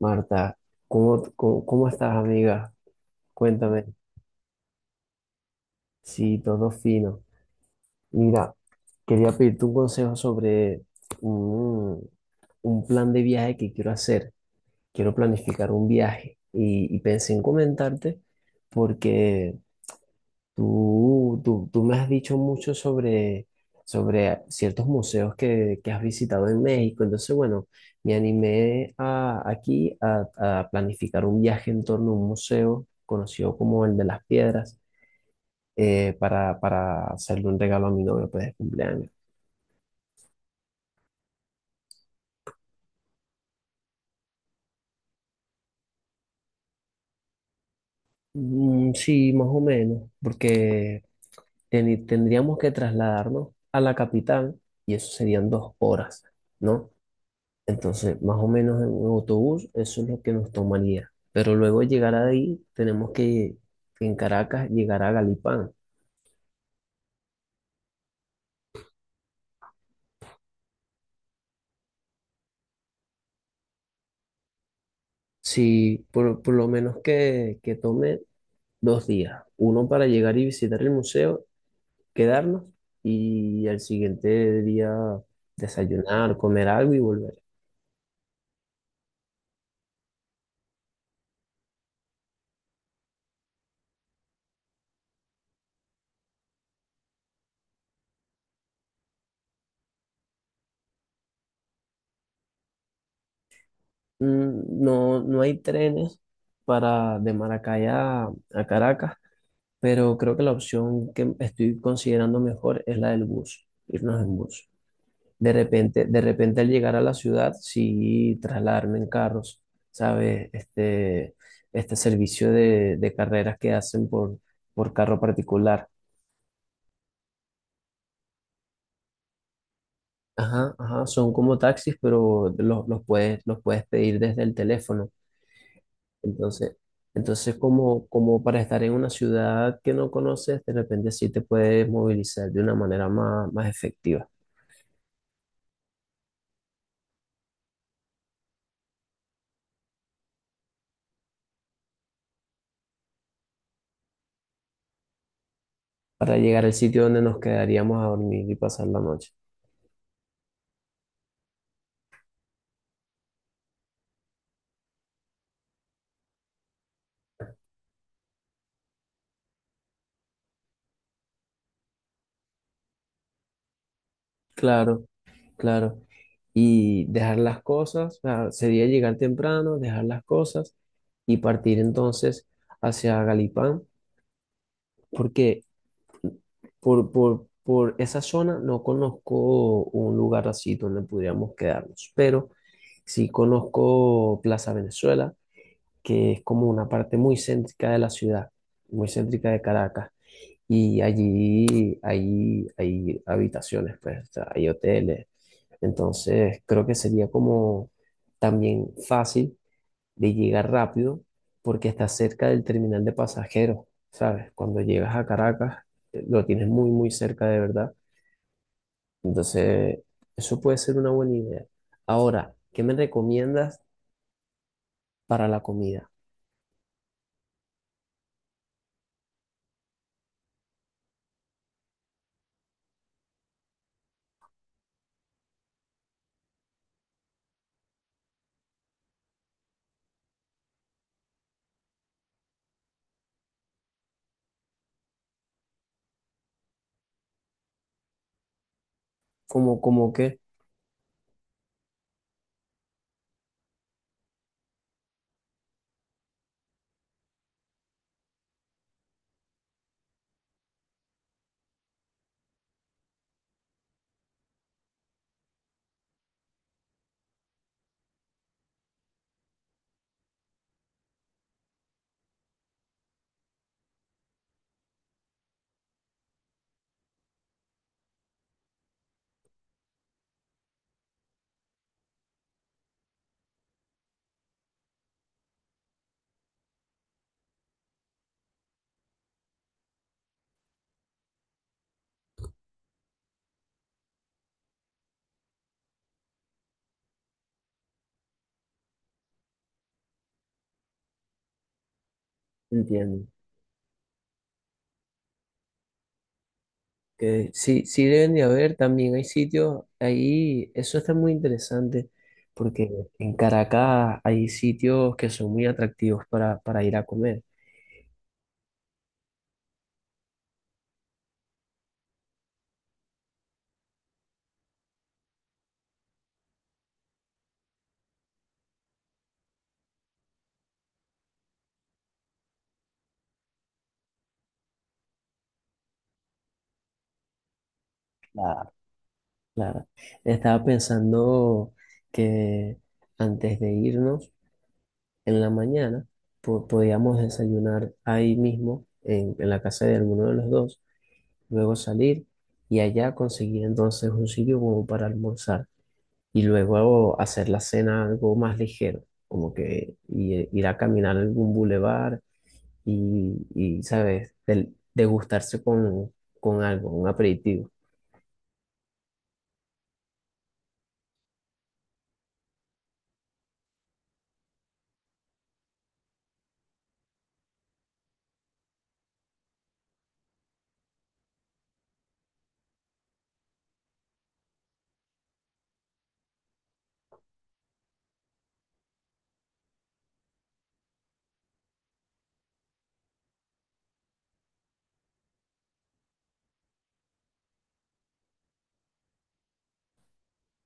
Marta, ¿cómo estás, amiga? Cuéntame. Sí, todo fino. Mira, quería pedirte un consejo sobre un, un plan de viaje que quiero hacer. Quiero planificar un viaje y pensé en comentarte porque tú me has dicho mucho sobre ciertos museos que has visitado en México. Entonces, bueno, me animé a planificar un viaje en torno a un museo conocido como el de las piedras, para hacerle un regalo a mi novio, pues, de cumpleaños. Mm, sí, más o menos, porque tendríamos que trasladarnos a la capital y eso serían 2 horas, ¿no? Entonces, más o menos en un autobús, eso es lo que nos tomaría. Pero luego de llegar ahí, tenemos que, en Caracas, llegar a Galipán. Si por lo menos que tome 2 días, uno para llegar y visitar el museo, quedarnos, y al siguiente día desayunar, comer algo y volver. Mm, no, no hay trenes para de Maracay a Caracas, pero creo que la opción que estoy considerando mejor es la del bus, irnos en bus. De repente al llegar a la ciudad, sí trasladarme en carros, ¿sabes? Este servicio de carreras que hacen por carro particular. Ajá, ajá, son como taxis, pero los puedes pedir desde el teléfono. Entonces, entonces como para estar en una ciudad que no conoces, de repente sí te puedes movilizar de una manera más, más efectiva. Para llegar al sitio donde nos quedaríamos a dormir y pasar la noche. Claro, claro. Y dejar las cosas, o sea, sería llegar temprano, dejar las cosas y partir entonces hacia Galipán, porque por esa zona no conozco un lugar así donde pudiéramos quedarnos, pero sí conozco Plaza Venezuela, que es como una parte muy céntrica de la ciudad, muy céntrica de Caracas. Y allí hay, hay habitaciones, pues, o sea, hay hoteles. Entonces, creo que sería como también fácil de llegar rápido porque está cerca del terminal de pasajeros, ¿sabes? Cuando llegas a Caracas, lo tienes muy, muy cerca, de verdad. Entonces, eso puede ser una buena idea. Ahora, ¿qué me recomiendas para la comida? Como, como que, entiendo. Que sí, sí deben de haber, también hay sitios ahí, eso está muy interesante, porque en Caracas hay sitios que son muy atractivos para ir a comer. Claro, claro. Estaba pensando que antes de irnos, en la mañana, podíamos desayunar ahí mismo, en la casa de alguno de los dos, luego salir y allá conseguir entonces un sitio como para almorzar. Y luego hacer la cena algo más ligero, como que ir a caminar a algún bulevar y, ¿sabes? Degustarse con algo, un aperitivo.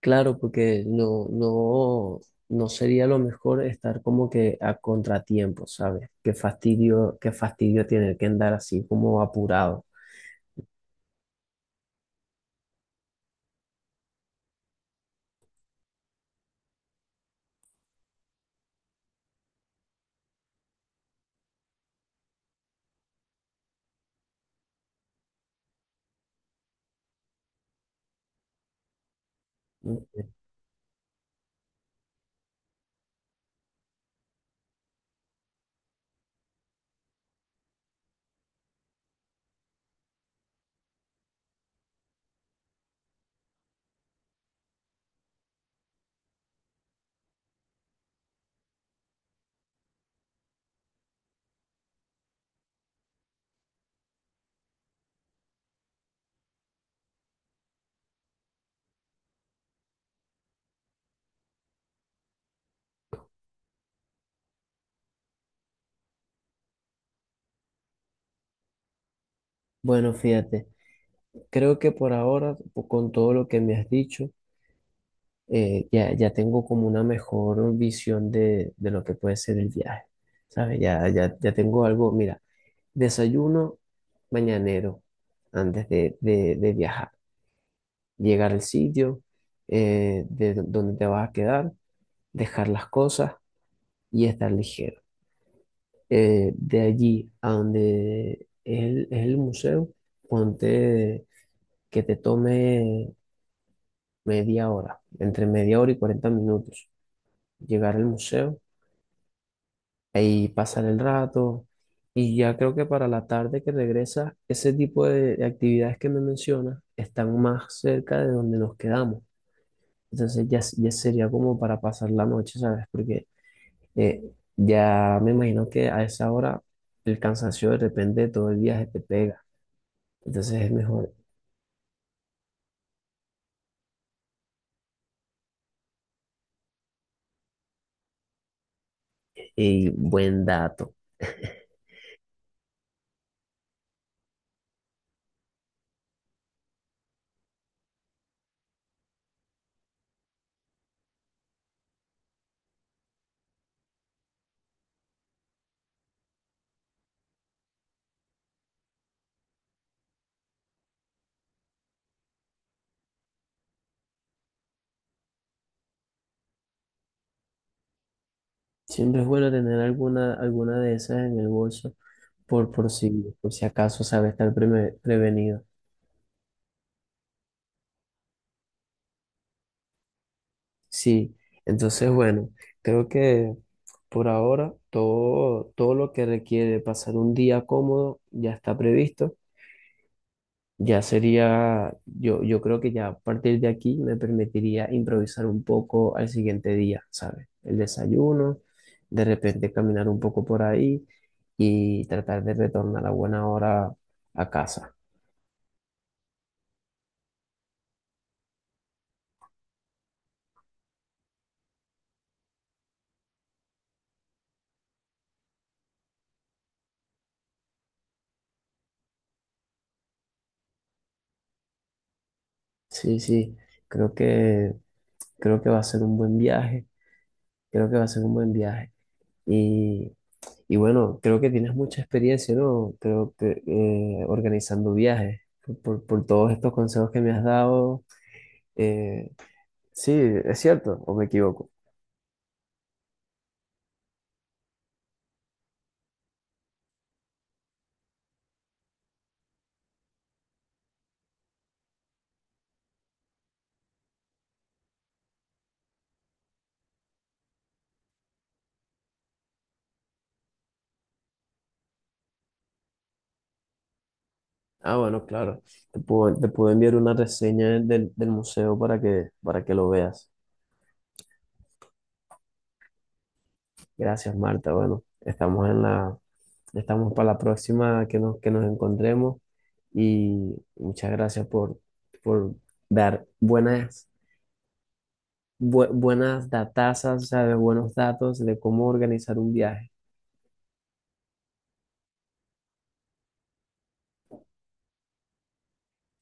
Claro, porque no sería lo mejor estar como que a contratiempo, ¿sabes? Qué fastidio tener que andar así como apurado. Bueno, fíjate, creo que por ahora, con todo lo que me has dicho, ya tengo como una mejor visión de lo que puede ser el viaje, ¿sabes? Ya tengo algo. Mira, desayuno mañanero antes de viajar, llegar al sitio, donde te vas a quedar, dejar las cosas y estar ligero. De allí a donde es es el museo, ponte que te tome media hora, entre media hora y 40 minutos llegar al museo, ahí pasar el rato. Y ya creo que para la tarde que regresa, ese tipo de actividades que me mencionas están más cerca de donde nos quedamos. Entonces ya, ya sería como para pasar la noche, ¿sabes? Porque eh, ya me imagino que a esa hora el cansancio de repente de todo el viaje te pega. Entonces es mejor. Y buen dato. Siempre es bueno tener alguna, alguna de esas en el bolso por, por si, por si acaso, ¿sabes? Estar prevenido. Sí, entonces bueno, creo que por ahora todo lo que requiere pasar un día cómodo ya está previsto. Ya sería, yo creo que ya a partir de aquí me permitiría improvisar un poco al siguiente día, ¿sabes? El desayuno, de repente caminar un poco por ahí y tratar de retornar a buena hora a casa. Sí, sí, creo que, creo que va a ser un buen viaje, creo que va a ser un buen viaje. Y, y bueno, creo que tienes mucha experiencia, ¿no? Creo que, organizando viajes, por todos estos consejos que me has dado. Eh, sí, es cierto, o me equivoco. Ah, bueno, claro. Te puedo enviar una reseña del museo para que lo veas. Gracias, Marta. Bueno, estamos en la, estamos para la próxima que nos encontremos. Y muchas gracias por dar buenas buenas datazas, o sea, de buenos datos de cómo organizar un viaje.